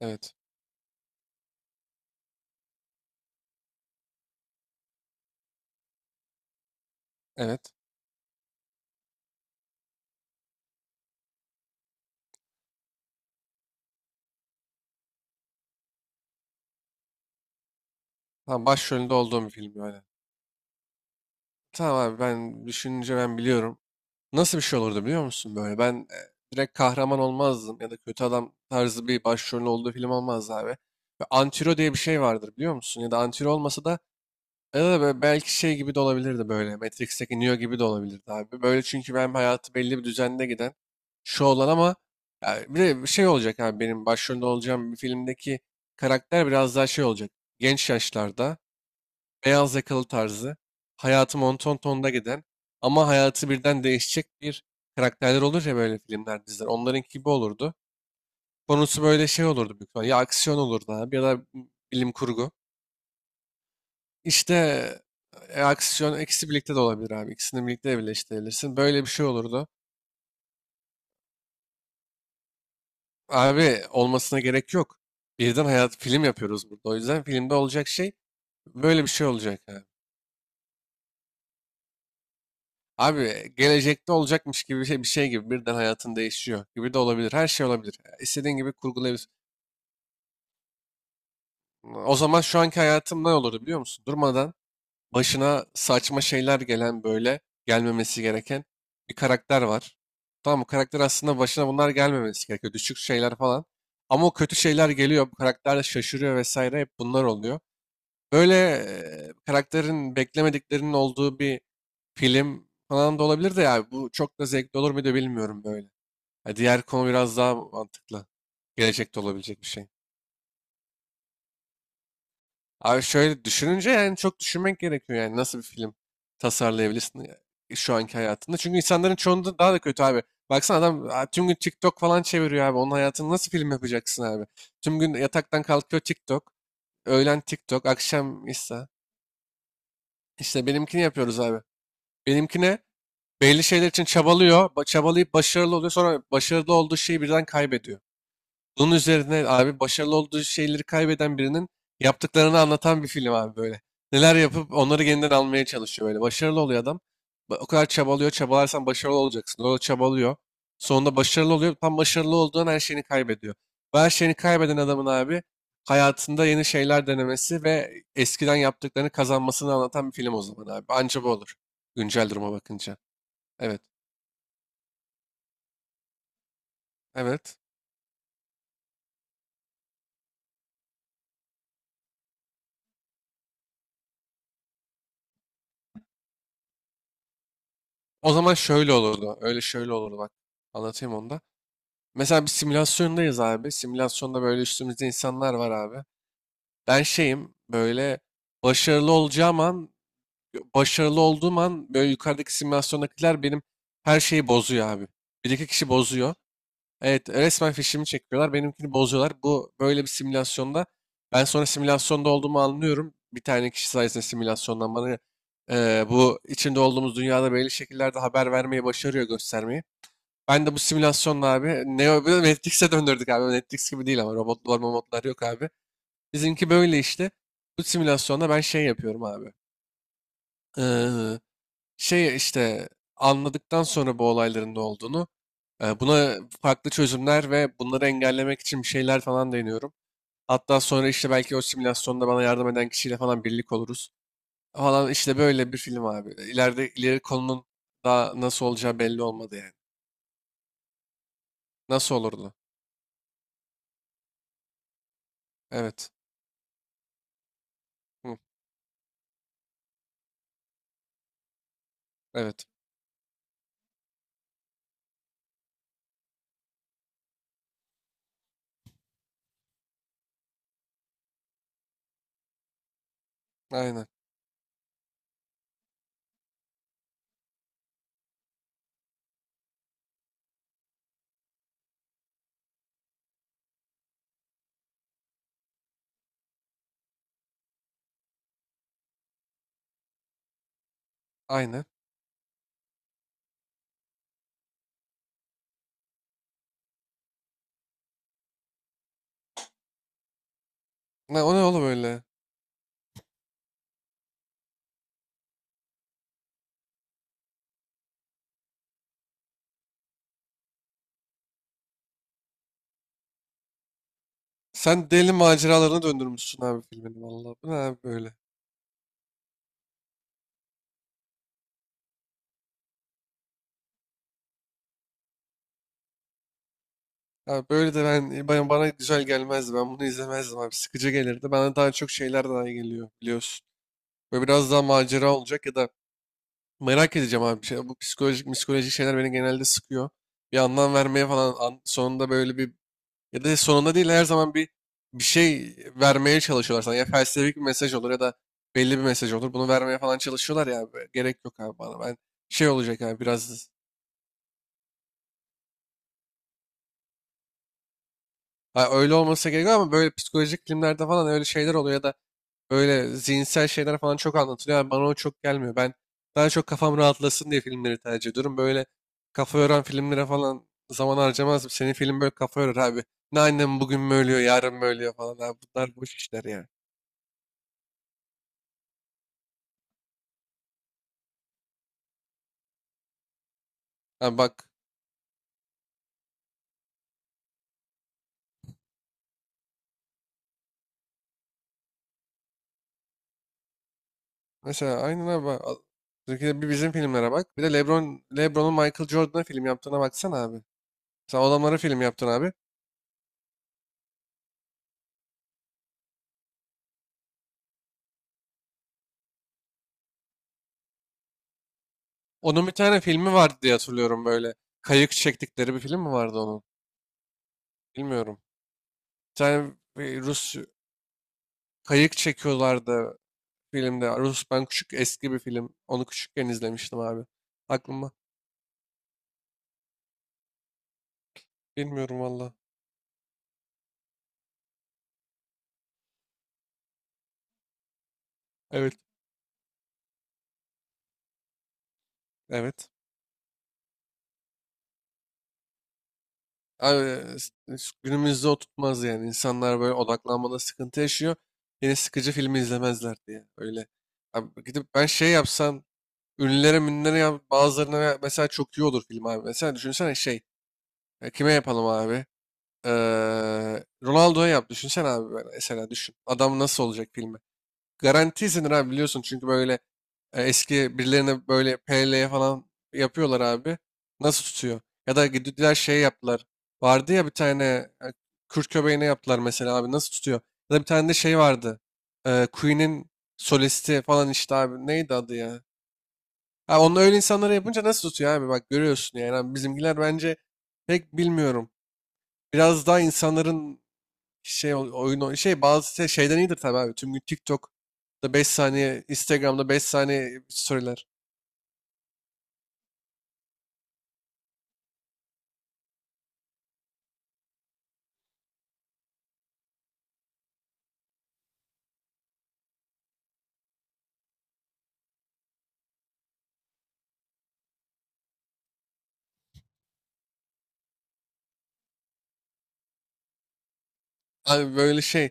Evet. Evet. Tamam, başrolünde olduğum bir film böyle. Tamam abi ben düşününce ben biliyorum. Nasıl bir şey olurdu biliyor musun böyle? Ben direkt kahraman olmazdım ya da kötü adam tarzı bir başrolün olduğu film olmazdı abi. Ve antiro diye bir şey vardır biliyor musun? Ya da antiro olmasa da ya da böyle belki şey gibi de olabilirdi böyle. Matrix'teki Neo gibi de olabilirdi abi. Böyle çünkü ben hayatı belli bir düzende giden şu olan ama ya bir de bir şey olacak abi benim başrolünde olacağım bir filmdeki karakter biraz daha şey olacak. Genç yaşlarda beyaz yakalı tarzı, hayatı monton tonda giden ama hayatı birden değişecek bir karakterler olur ya böyle filmler, diziler. Onların gibi olurdu. Konusu böyle şey olurdu büyük ihtimalle. Ya aksiyon olurdu abi ya da bilim kurgu. İşte aksiyon ikisi birlikte de olabilir abi. İkisini birlikte de birleştirebilirsin. Böyle bir şey olurdu. Abi olmasına gerek yok. Birden hayat film yapıyoruz burada. O yüzden filmde olacak şey böyle bir şey olacak abi. Abi gelecekte olacakmış gibi bir şey, bir şey gibi birden hayatın değişiyor gibi de olabilir. Her şey olabilir. İstediğin gibi kurgulayabilirsin. O zaman şu anki hayatım ne olurdu biliyor musun? Durmadan başına saçma şeyler gelen böyle gelmemesi gereken bir karakter var. Tamam bu karakter aslında başına bunlar gelmemesi gerekiyor. Düşük şeyler falan. Ama o kötü şeyler geliyor. Bu karakter de şaşırıyor vesaire. Hep bunlar oluyor. Böyle karakterin beklemediklerinin olduğu bir film falan da olabilir de ya bu çok da zevkli olur muydu bilmiyorum böyle. Ha, diğer konu biraz daha mantıklı. Gelecekte olabilecek bir şey. Abi şöyle düşününce yani çok düşünmek gerekiyor yani nasıl bir film tasarlayabilirsin şu anki hayatında. Çünkü insanların çoğunda daha da kötü abi. Baksana adam tüm gün TikTok falan çeviriyor abi. Onun hayatını nasıl film yapacaksın abi? Tüm gün yataktan kalkıyor TikTok. Öğlen TikTok, akşam İsa. İşte benimkini yapıyoruz abi. Benimkine belli şeyler için çabalıyor. Çabalayıp başarılı oluyor. Sonra başarılı olduğu şeyi birden kaybediyor. Bunun üzerine abi başarılı olduğu şeyleri kaybeden birinin yaptıklarını anlatan bir film abi böyle. Neler yapıp onları yeniden almaya çalışıyor böyle. Başarılı oluyor adam. O kadar çabalıyor. Çabalarsan başarılı olacaksın. O da çabalıyor. Sonunda başarılı oluyor. Tam başarılı olduğun her şeyini kaybediyor. Ve her şeyini kaybeden adamın abi hayatında yeni şeyler denemesi ve eskiden yaptıklarını kazanmasını anlatan bir film o zaman abi. Anca bu olur. Güncel duruma bakınca. Evet. Evet. O zaman şöyle olurdu. Öyle şöyle olurdu bak. Anlatayım onu da. Mesela bir simülasyondayız abi. Simülasyonda böyle üstümüzde insanlar var abi. Ben şeyim böyle başarılı olacağım an, başarılı olduğum an böyle yukarıdaki simülasyondakiler benim her şeyi bozuyor abi. Bir iki kişi bozuyor. Evet resmen fişimi çekiyorlar. Benimkini bozuyorlar. Bu böyle bir simülasyonda. Ben sonra simülasyonda olduğumu anlıyorum. Bir tane kişi sayesinde simülasyondan bana bu içinde olduğumuz dünyada belli şekillerde haber vermeyi başarıyor göstermeyi. Ben de bu simülasyonla abi Neo bir de Matrix'e döndürdük abi. Matrix gibi değil ama robotlar yok abi. Bizimki böyle işte. Bu simülasyonda ben şey yapıyorum abi. Ee, şey işte anladıktan sonra bu olayların ne olduğunu buna farklı çözümler ve bunları engellemek için bir şeyler falan deniyorum. Hatta sonra işte belki o simülasyonda bana yardım eden kişiyle falan birlik oluruz. Falan işte böyle bir film abi. İleride ileri konunun daha nasıl olacağı belli olmadı yani. Nasıl olurdu? Evet. Hı, evet. Aynen. Aynen. Ne, o ne oğlum öyle? Sen deli maceralarına döndürmüşsün abi filmini valla. Bu ne abi böyle? Abi böyle de ben, bana güzel gelmezdi. Ben bunu izlemezdim abi. Sıkıcı gelirdi. Bana daha çok şeyler daha iyi geliyor biliyorsun. Böyle biraz daha macera olacak ya da merak edeceğim abi. Bir şey, bu psikolojik şeyler beni genelde sıkıyor. Bir anlam vermeye falan sonunda böyle bir, ya da sonunda değil her zaman bir bir şey vermeye çalışıyorlar sana. Ya felsefik bir mesaj olur ya da belli bir mesaj olur. Bunu vermeye falan çalışıyorlar ya abi. Gerek yok abi bana. Ben şey olacak yani biraz, ha, öyle olmasa gerek yok ama böyle psikolojik filmlerde falan öyle şeyler oluyor ya da böyle zihinsel şeyler falan çok anlatılıyor. Yani bana o çok gelmiyor. Ben daha çok kafam rahatlasın diye filmleri tercih ediyorum. Böyle kafa yoran filmlere falan zaman harcamazdım. Senin film böyle kafa yorar abi. Ne annem bugün mü ölüyor, yarın mı ölüyor falan. Abi bunlar boş işler ya. Yani, ha bak, mesela aynen abi. Türkiye'de bir bizim filmlere bak. Bir de LeBron'un Michael Jordan'a film yaptığına baksana abi. Sen o adamlara film yaptın abi. Onun bir tane filmi vardı diye hatırlıyorum böyle. Kayık çektikleri bir film mi vardı onun? Bilmiyorum. Bir tane bir Rus kayık çekiyorlardı filmde. Rus ben küçük eski bir film. Onu küçükken izlemiştim abi. Aklıma. Bilmiyorum valla. Evet. Evet. Abi, günümüzde o tutmaz yani. İnsanlar böyle odaklanmada sıkıntı yaşıyor. Yeni sıkıcı filmi izlemezler diye. Öyle. Abi, gidip ben şey yapsam ünlülere münlere yap, bazılarına mesela çok iyi olur film abi. Mesela düşünsene şey. Kime yapalım abi? Ee, Ronaldo'ya yap. Düşünsene abi böyle. Mesela düşün. Adam nasıl olacak filmi? Garanti, Garantisin abi biliyorsun çünkü böyle eski birilerine böyle PL falan yapıyorlar abi. Nasıl tutuyor? Ya da gittiler şey yaptılar. Vardı ya bir tane Kürt köpeğine yaptılar mesela abi nasıl tutuyor? Ya da bir tane de şey vardı. Queen'in solisti falan işte abi neydi adı ya? Ha, onu öyle insanlara yapınca nasıl tutuyor abi bak görüyorsun yani. Abi bizimkiler bence pek bilmiyorum. Biraz daha insanların şey oyun şey bazı şeyden iyidir tabii abi. Tüm gün TikTok'ta 5 saniye, Instagram'da 5 saniye storyler. Abi böyle şey.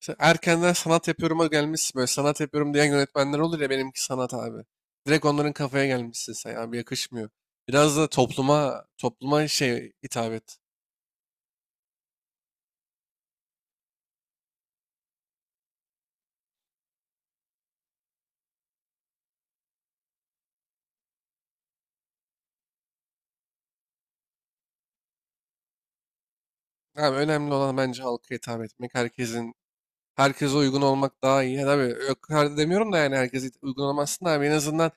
Sen erkenden sanat yapıyorum'a gelmişsin. Böyle sanat yapıyorum diyen yönetmenler olur ya, benimki sanat abi. Direkt onların kafaya gelmişsin sen abi, yakışmıyor. Biraz da topluma şey hitap et. Abi önemli olan bence halka hitap etmek. Herkesin herkese uygun olmak daha iyi. Yani abi yok her demiyorum da yani herkese uygun olamazsın da abi en azından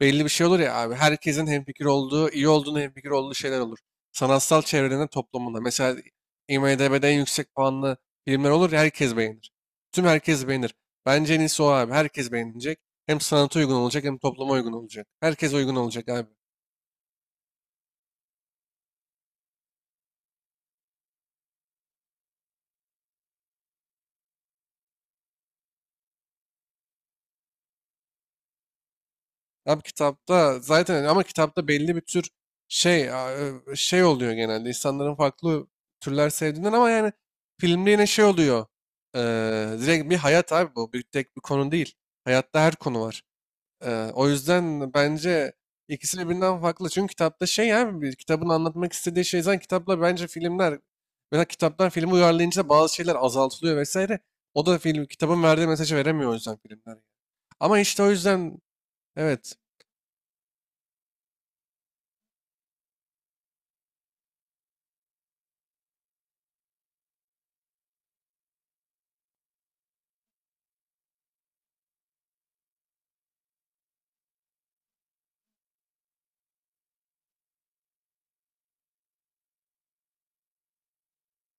belli bir şey olur ya abi. Herkesin hemfikir olduğu, iyi olduğunu hemfikir olduğu şeyler olur. Sanatsal çevrenin toplumunda. Mesela IMDb'de en yüksek puanlı filmler olur ya herkes beğenir. Tüm herkes beğenir. Bence en iyisi o abi. Herkes beğenecek. Hem sanata uygun olacak hem topluma uygun olacak. Herkes uygun olacak abi. Abi kitapta zaten ama kitapta belli bir tür şey a- şey oluyor genelde insanların farklı türler sevdiğinden ama yani filmde yine şey oluyor. Ee, direkt bir hayat abi bu. Bir tek bir konu değil. Hayatta her konu var. O yüzden bence ikisi birbirinden farklı. Çünkü kitapta şey abi bir kitabın anlatmak istediği şey zaten kitapla bence filmler, mesela kitaptan filmi uyarlayınca bazı şeyler azaltılıyor vesaire. O da film kitabın verdiği mesajı veremiyor o yüzden filmler. Ama işte o yüzden evet